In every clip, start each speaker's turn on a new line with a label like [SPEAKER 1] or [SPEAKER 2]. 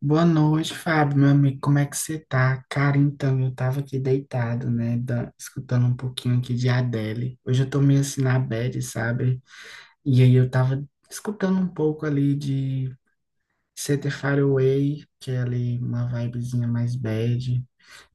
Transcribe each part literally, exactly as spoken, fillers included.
[SPEAKER 1] Boa noite, Fábio, meu amigo, como é que você tá? Cara, então, eu tava aqui deitado, né, da- escutando um pouquinho aqui de Adele. Hoje eu tô meio assim na bad, sabe? E aí eu tava escutando um pouco ali de Set Far Away, que é ali uma vibezinha mais bad.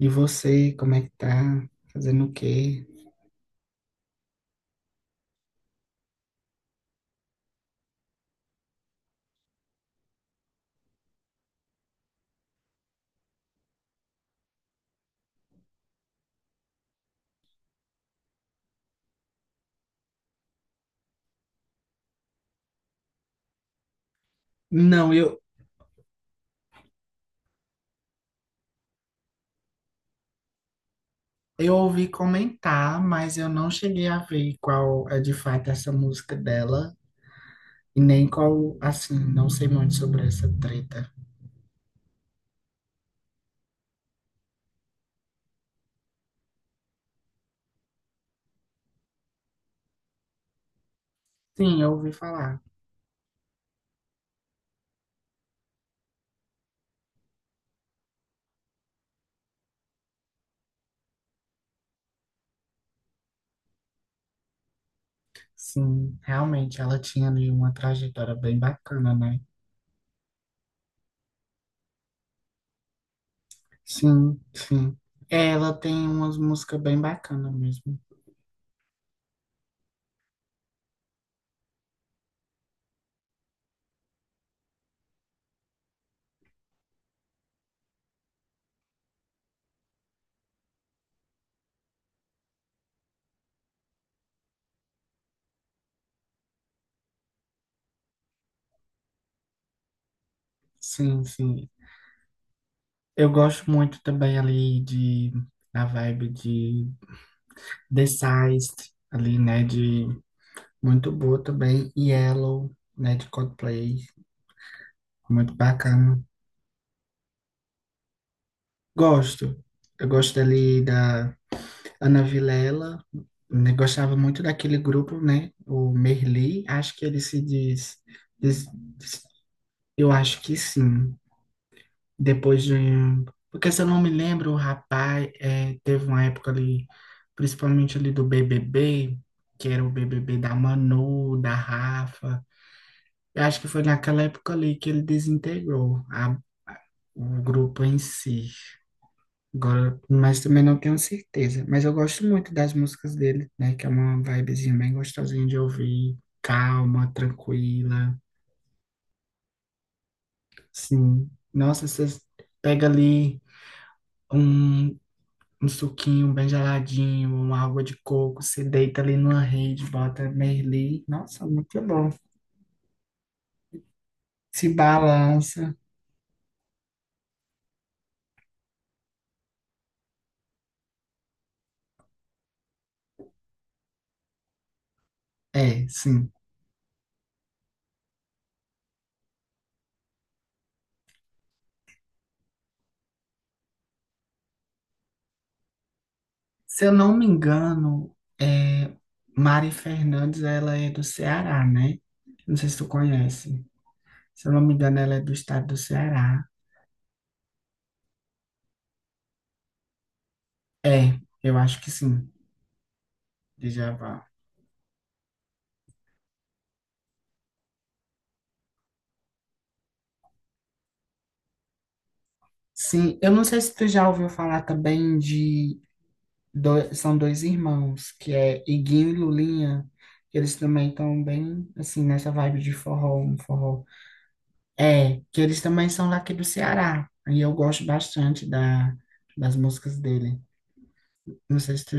[SPEAKER 1] E você, como é que tá? Fazendo o quê? Não, eu, eu ouvi comentar, mas eu não cheguei a ver qual é de fato essa música dela. E nem qual, assim, não sei muito sobre essa treta. Sim, eu ouvi falar. Sim, realmente ela tinha ali uma trajetória bem bacana, né? Sim, sim. É, ela tem umas músicas bem bacanas mesmo. Sim, sim. Eu gosto muito também ali de da vibe de The Seist, ali, né? De muito boa também. Yellow, né? De Coldplay, muito bacana. Gosto. Eu gosto ali da Ana Vilela, né, gostava muito daquele grupo, né? O Merli, acho que ele se diz, diz- diz- eu acho que sim. Depois de, um, porque se eu não me lembro, o rapaz é, teve uma época ali, principalmente ali do B B B, que era o B B B da Manu, da Rafa. Eu acho que foi naquela época ali que ele desintegrou a- o grupo em si. Agora, mas também não tenho certeza. Mas eu gosto muito das músicas dele, né? Que é uma vibezinha bem gostosinha de ouvir, calma, tranquila. Sim. Nossa, você pega ali um, um suquinho bem geladinho, uma água de coco, se deita ali numa rede, bota Merli. Nossa, muito bom. Se balança. É, sim. Se eu não me engano, é, Mari Fernandes, ela é do Ceará, né? Não sei se tu conhece. Se eu não me engano, ela é do estado do Ceará. É, eu acho que sim, Djavan. Sim, eu não sei se tu já ouviu falar também de... dois, são dois irmãos, que é Iguinho e Lulinha. Que eles também estão bem, assim, nessa vibe de forró, um forró. É, que eles também são daqui do Ceará. E eu gosto bastante da, das músicas dele. Não sei se tu...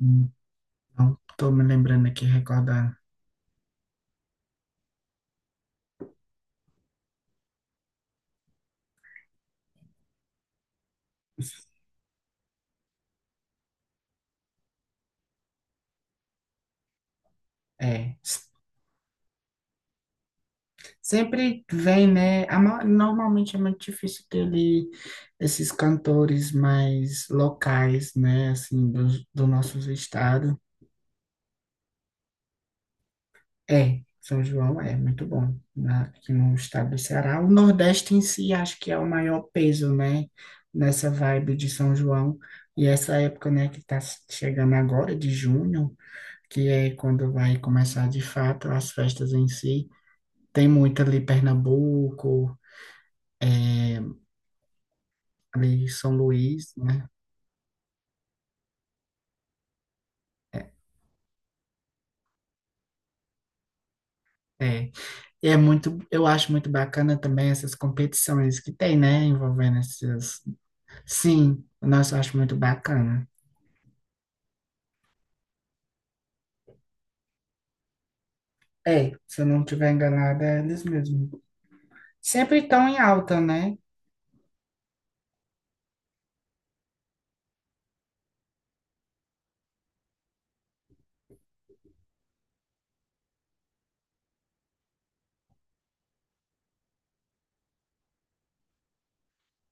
[SPEAKER 1] hum, não, tô me lembrando aqui, recordando. É. Sempre vem, né? a ma- Normalmente é muito difícil ter ali esses cantores mais locais, né? Assim, dos do nossos estados. É, São João é muito bom, né? Aqui no estado do Ceará. O Nordeste em si acho que é o maior peso, né? Nessa vibe de São João. E essa época, né, que está chegando agora, de junho, que é quando vai começar de fato as festas em si. Tem muito ali Pernambuco. é, ali em São Luís, né? É, é. E é muito, eu acho muito bacana também essas competições que tem, né, envolvendo esses. Sim, nossa, eu acho muito bacana. É, se eu não estiver enganada, é eles mesmos. Sempre estão em alta, né?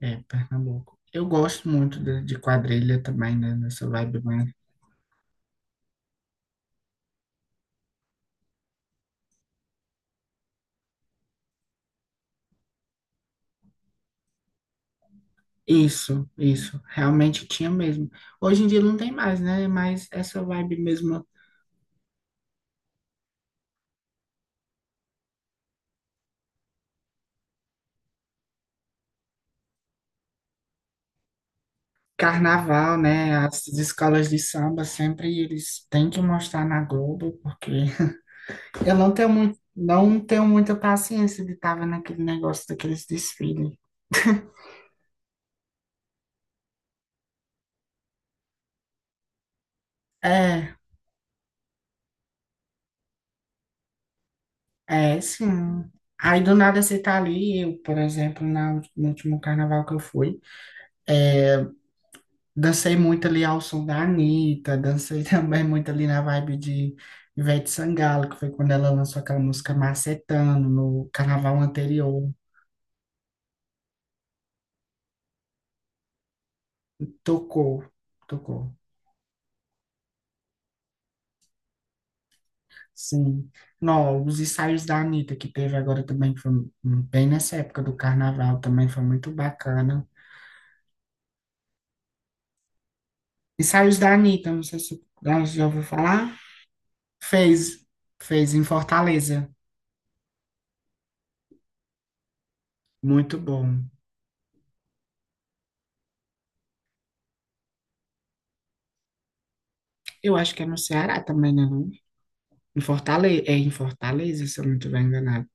[SPEAKER 1] É, Pernambuco. Eu gosto muito de, de quadrilha também, né, nessa vibe, né? Isso, isso, realmente tinha mesmo. Hoje em dia não tem mais, né? Mas essa vibe mesmo carnaval, né? As escolas de samba sempre eles têm que mostrar na Globo, porque eu não tenho muito, não tenho muita paciência de estar vendo aquele negócio daqueles desfiles. É, é, sim. Aí do nada você tá ali, eu, por exemplo, na, ult- no último carnaval que eu fui, é, dancei muito ali ao som da Anitta, dancei também muito ali na vibe de Ivete Sangalo, que foi quando ela lançou aquela música Macetando, no carnaval anterior. Tocou, tocou. Sim. Não, os ensaios da Anitta que teve agora também, que foi um, bem nessa época do carnaval, também foi muito bacana. Ensaios da Anitta, não sei se você já ouviu falar. Fez, fez em Fortaleza. Muito bom. Eu acho que é no Ceará também, né? Não? Em Fortaleza, é em Fortaleza, se eu não estiver enganado.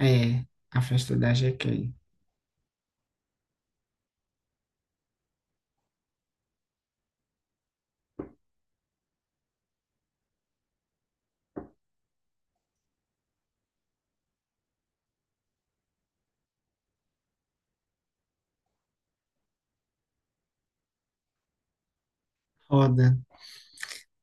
[SPEAKER 1] É, a festa da G K. Roda.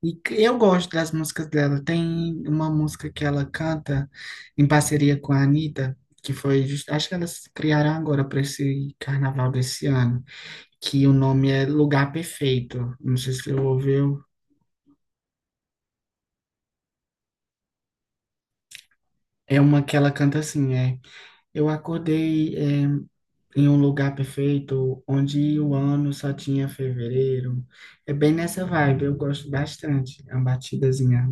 [SPEAKER 1] E que- eu gosto das músicas dela. Tem uma música que ela canta em parceria com a Anitta, que foi, just- acho que elas criaram agora para esse carnaval desse ano, que o nome é Lugar Perfeito. Não sei se você ouviu. É uma que ela canta assim, é. Eu acordei, é, em um lugar perfeito, onde o ano só tinha fevereiro. É bem nessa vibe, eu gosto bastante. É uma batidazinha.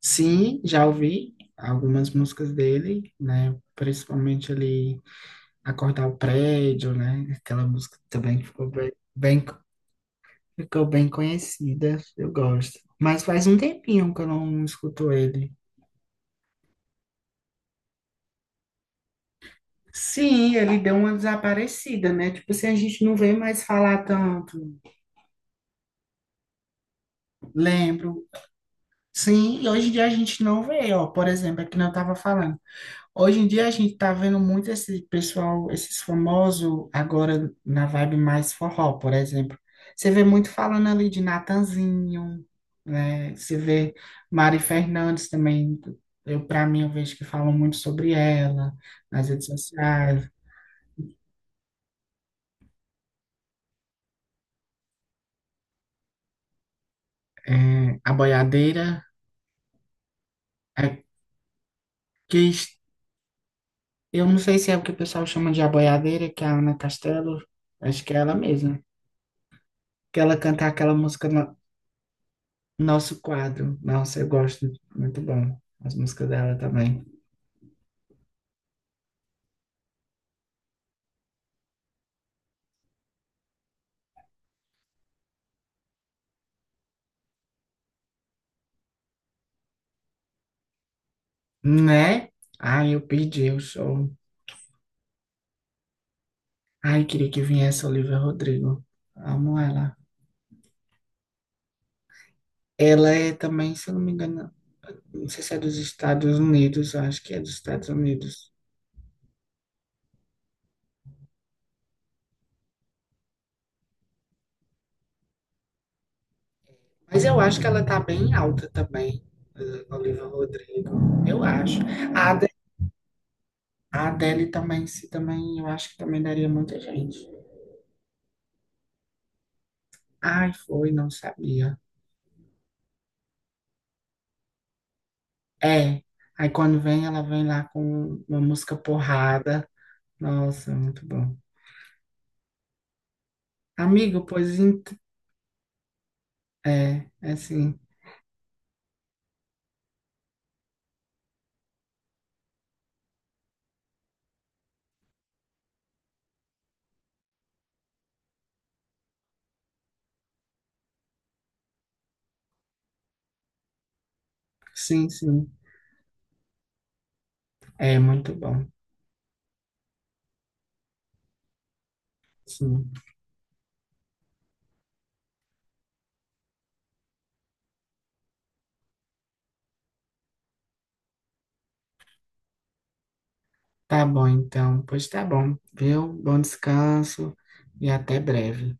[SPEAKER 1] Sim, já ouvi algumas músicas dele, né? Principalmente ali Acordar o Prédio, né? Aquela música também que ficou bem, bem- ficou bem conhecida, eu gosto. Mas faz um tempinho que eu não escuto ele. Sim, ele deu uma desaparecida, né? Tipo, assim a gente não vê mais falar tanto, lembro. Sim, e hoje em dia a gente não vê, ó, por exemplo, é que eu tava falando. Hoje em dia a gente tá vendo muito esse pessoal, esses famosos agora na vibe mais forró, por exemplo. Você vê muito falando ali de Natanzinho, né? Você vê Mari Fernandes também. Eu, para mim, eu vejo que falam muito sobre ela nas redes sociais. É, a boiadeira, é, que es- eu não sei se é o que o pessoal chama de a boiadeira, que é a Ana Castelo, acho que é ela mesma. Que ela canta aquela música Nosso quadro. Nossa, eu gosto. Muito bom. As músicas dela também. Né? Ai, eu pedi o show. Ai, queria que viesse a Olivia Rodrigo. Amo ela. Ela é também, se eu não me engano, não sei se é dos Estados Unidos, eu acho que é dos Estados Unidos. Mas eu acho que ela tá bem alta também, a Olivia Rodrigo. Eu acho. A Ade- a Adele também, se também, eu acho que também daria muita gente. Ai, foi, não sabia. É. Aí quando vem, ela vem lá com uma música porrada. Nossa, muito bom. Amigo, pois ent- é, é sim. Sim, sim. É muito bom. Sim. Tá bom, então. Pois tá bom, viu? Bom descanso e até breve.